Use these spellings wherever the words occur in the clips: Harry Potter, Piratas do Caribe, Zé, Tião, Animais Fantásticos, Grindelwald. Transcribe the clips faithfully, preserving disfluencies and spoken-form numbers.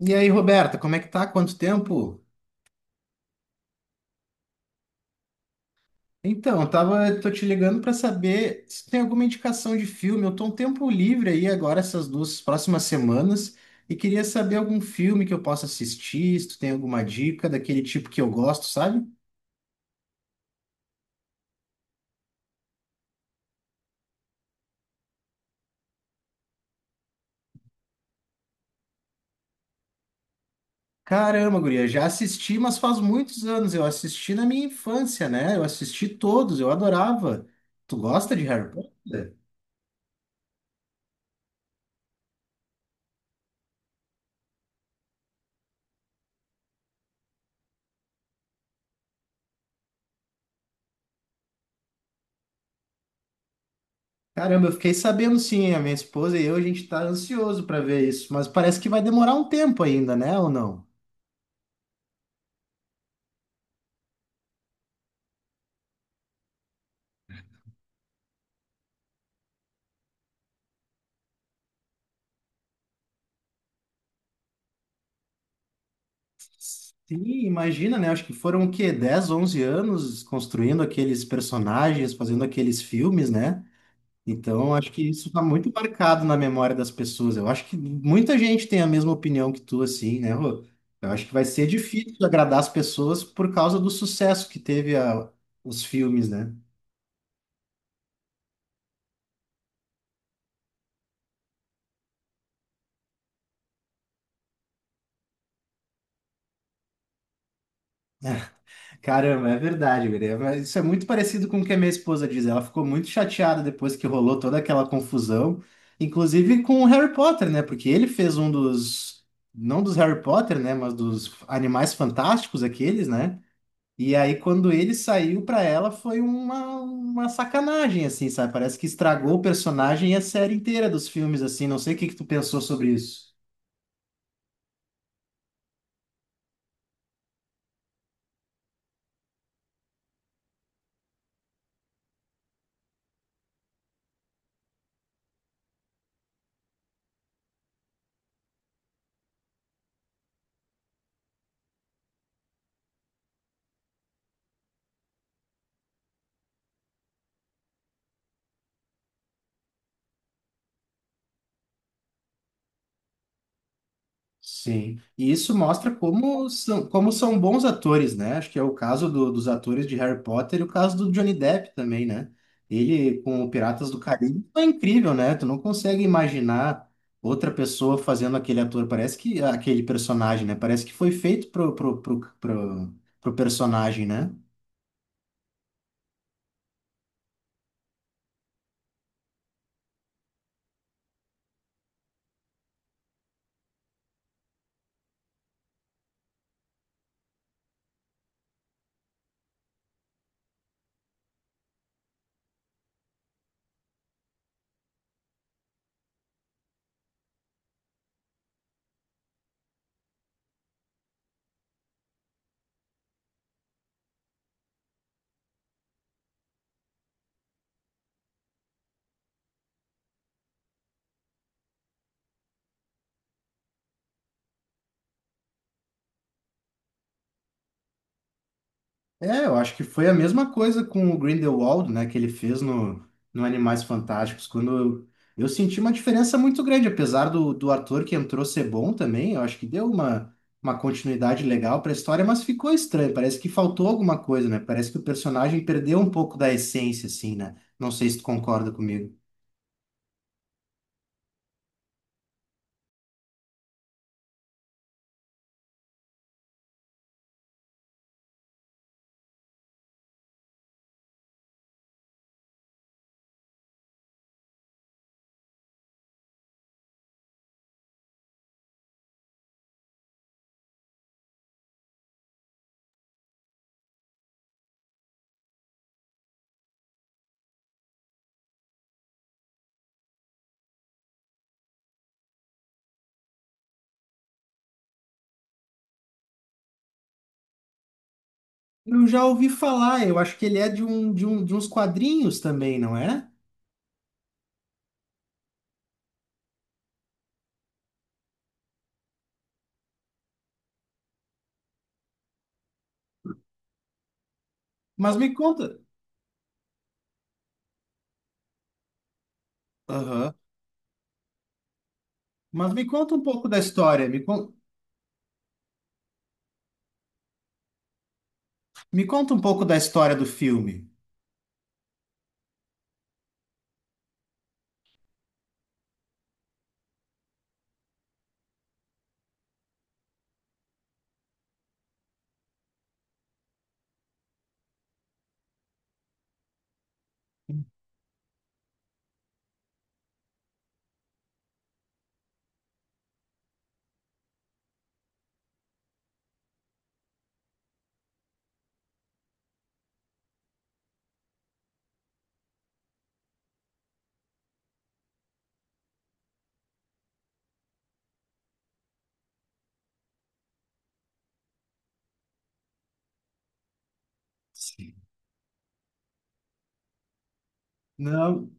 E aí, Roberta, como é que tá? Quanto tempo? Então, eu tava, tô te ligando pra saber se tem alguma indicação de filme. Eu tô um tempo livre aí agora, essas duas próximas semanas, e queria saber algum filme que eu possa assistir, se tu tem alguma dica daquele tipo que eu gosto, sabe? Caramba, guria, já assisti, mas faz muitos anos. Eu assisti na minha infância, né? Eu assisti todos, eu adorava. Tu gosta de Harry Potter? Caramba, eu fiquei sabendo sim, a minha esposa e eu, a gente tá ansioso para ver isso, mas parece que vai demorar um tempo ainda, né, ou não? Sim, imagina, né? Acho que foram o quê? dez, onze anos construindo aqueles personagens, fazendo aqueles filmes, né? Então, acho que isso tá muito marcado na memória das pessoas. Eu acho que muita gente tem a mesma opinião que tu, assim, né, Rô? Eu acho que vai ser difícil agradar as pessoas por causa do sucesso que teve a- os filmes, né? Caramba, é verdade, guria. É, mas isso é muito parecido com o que a minha esposa diz. Ela ficou muito chateada depois que rolou toda aquela confusão, inclusive com o Harry Potter, né? Porque ele fez um dos, não dos Harry Potter, né? Mas dos Animais Fantásticos, aqueles, né? E aí, quando ele saiu pra ela, foi uma, uma sacanagem, assim, sabe? Parece que estragou o personagem e a série inteira dos filmes, assim. Não sei o que que tu pensou sobre isso. Sim, e isso mostra como são, como são bons atores, né? Acho que é o caso do- dos atores de Harry Potter e o caso do Johnny Depp também, né? Ele com o Piratas do Caribe é incrível, né? Tu não consegue imaginar outra pessoa fazendo aquele ator, parece que aquele personagem, né? Parece que foi feito pro, pro, pro, pro, pro personagem, né? É, eu acho que foi a mesma coisa com o Grindelwald, né, que ele fez no, no Animais Fantásticos, quando eu, eu senti uma diferença muito grande, apesar do, do ator que entrou ser bom também, eu acho que deu uma, uma continuidade legal para a história, mas ficou estranho, parece que faltou alguma coisa, né, parece que o personagem perdeu um pouco da essência, assim, né, não sei se tu concorda comigo. Eu já ouvi falar, eu acho que ele é de, um, de, um, de uns quadrinhos também, não é? Mas me conta... Aham. Mas me conta um pouco da história, me conta... Me conta um pouco da história do filme. Sim. Não,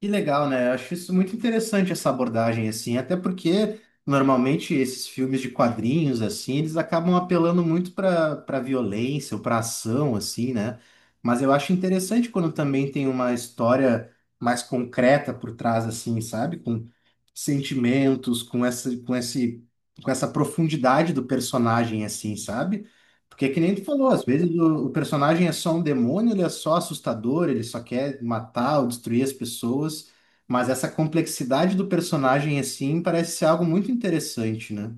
que legal, né? Eu acho isso muito interessante essa abordagem assim, até porque normalmente esses filmes de quadrinhos assim, eles acabam apelando muito para para violência ou para ação assim, né? Mas eu acho interessante quando também tem uma história mais concreta por trás assim, sabe? Com sentimentos, com essa com esse com essa profundidade do personagem assim, sabe? Porque que nem tu falou, às vezes o, o personagem é só um demônio, ele é só assustador, ele só quer matar ou destruir as pessoas, mas essa complexidade do personagem assim parece ser algo muito interessante, né?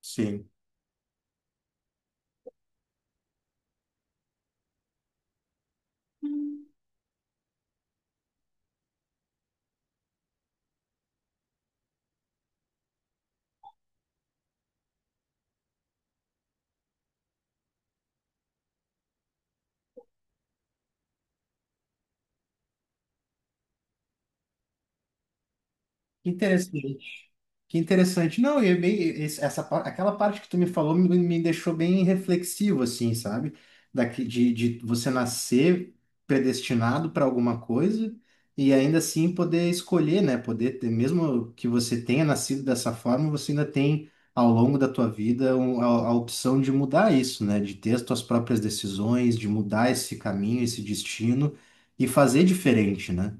Sim. Interessante. Que interessante. Não, e é bem, esse- essa, pa- aquela parte que tu me falou me, me deixou bem reflexivo, assim, sabe? Daqui, de, de você nascer predestinado para alguma coisa e ainda assim poder escolher, né? Poder ter, mesmo que você tenha nascido dessa forma, você ainda tem ao longo da tua vida um- a, a opção de mudar isso, né? De ter as tuas próprias decisões, de mudar esse caminho, esse destino e fazer diferente, né?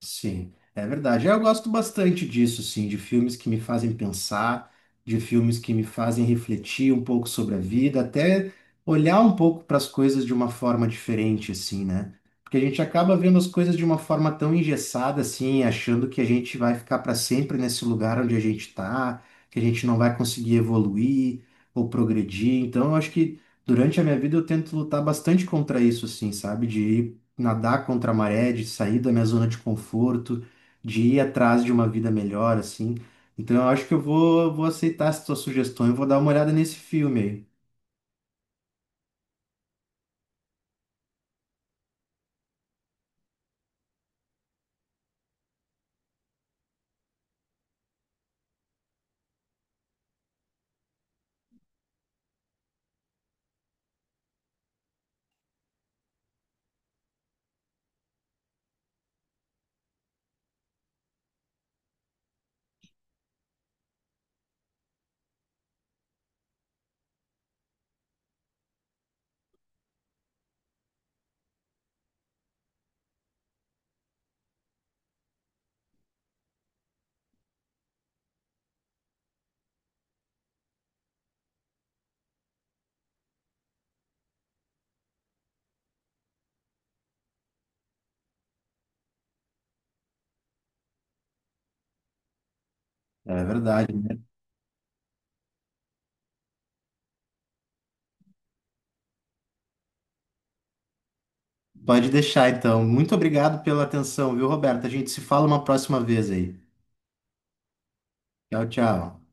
Sim, é verdade. É, eu gosto bastante disso, sim, de filmes que me fazem pensar, de filmes que me fazem refletir um pouco sobre a vida, até olhar um pouco para as coisas de uma forma diferente, assim, né? Porque a gente acaba vendo as coisas de uma forma tão engessada, assim, achando que a gente vai ficar para sempre nesse lugar onde a gente está, que a gente não vai conseguir evoluir ou progredir. Então, eu acho que durante a minha vida eu tento lutar bastante contra isso, assim, sabe? De ir nadar contra a maré, de sair da minha zona de conforto, de ir atrás de uma vida melhor, assim. Então eu acho que eu vou, vou aceitar essa tua sugestão e vou dar uma olhada nesse filme aí. É verdade, né? Pode deixar então. Muito obrigado pela atenção, viu, Roberto? A gente se fala uma próxima vez aí. Tchau, tchau.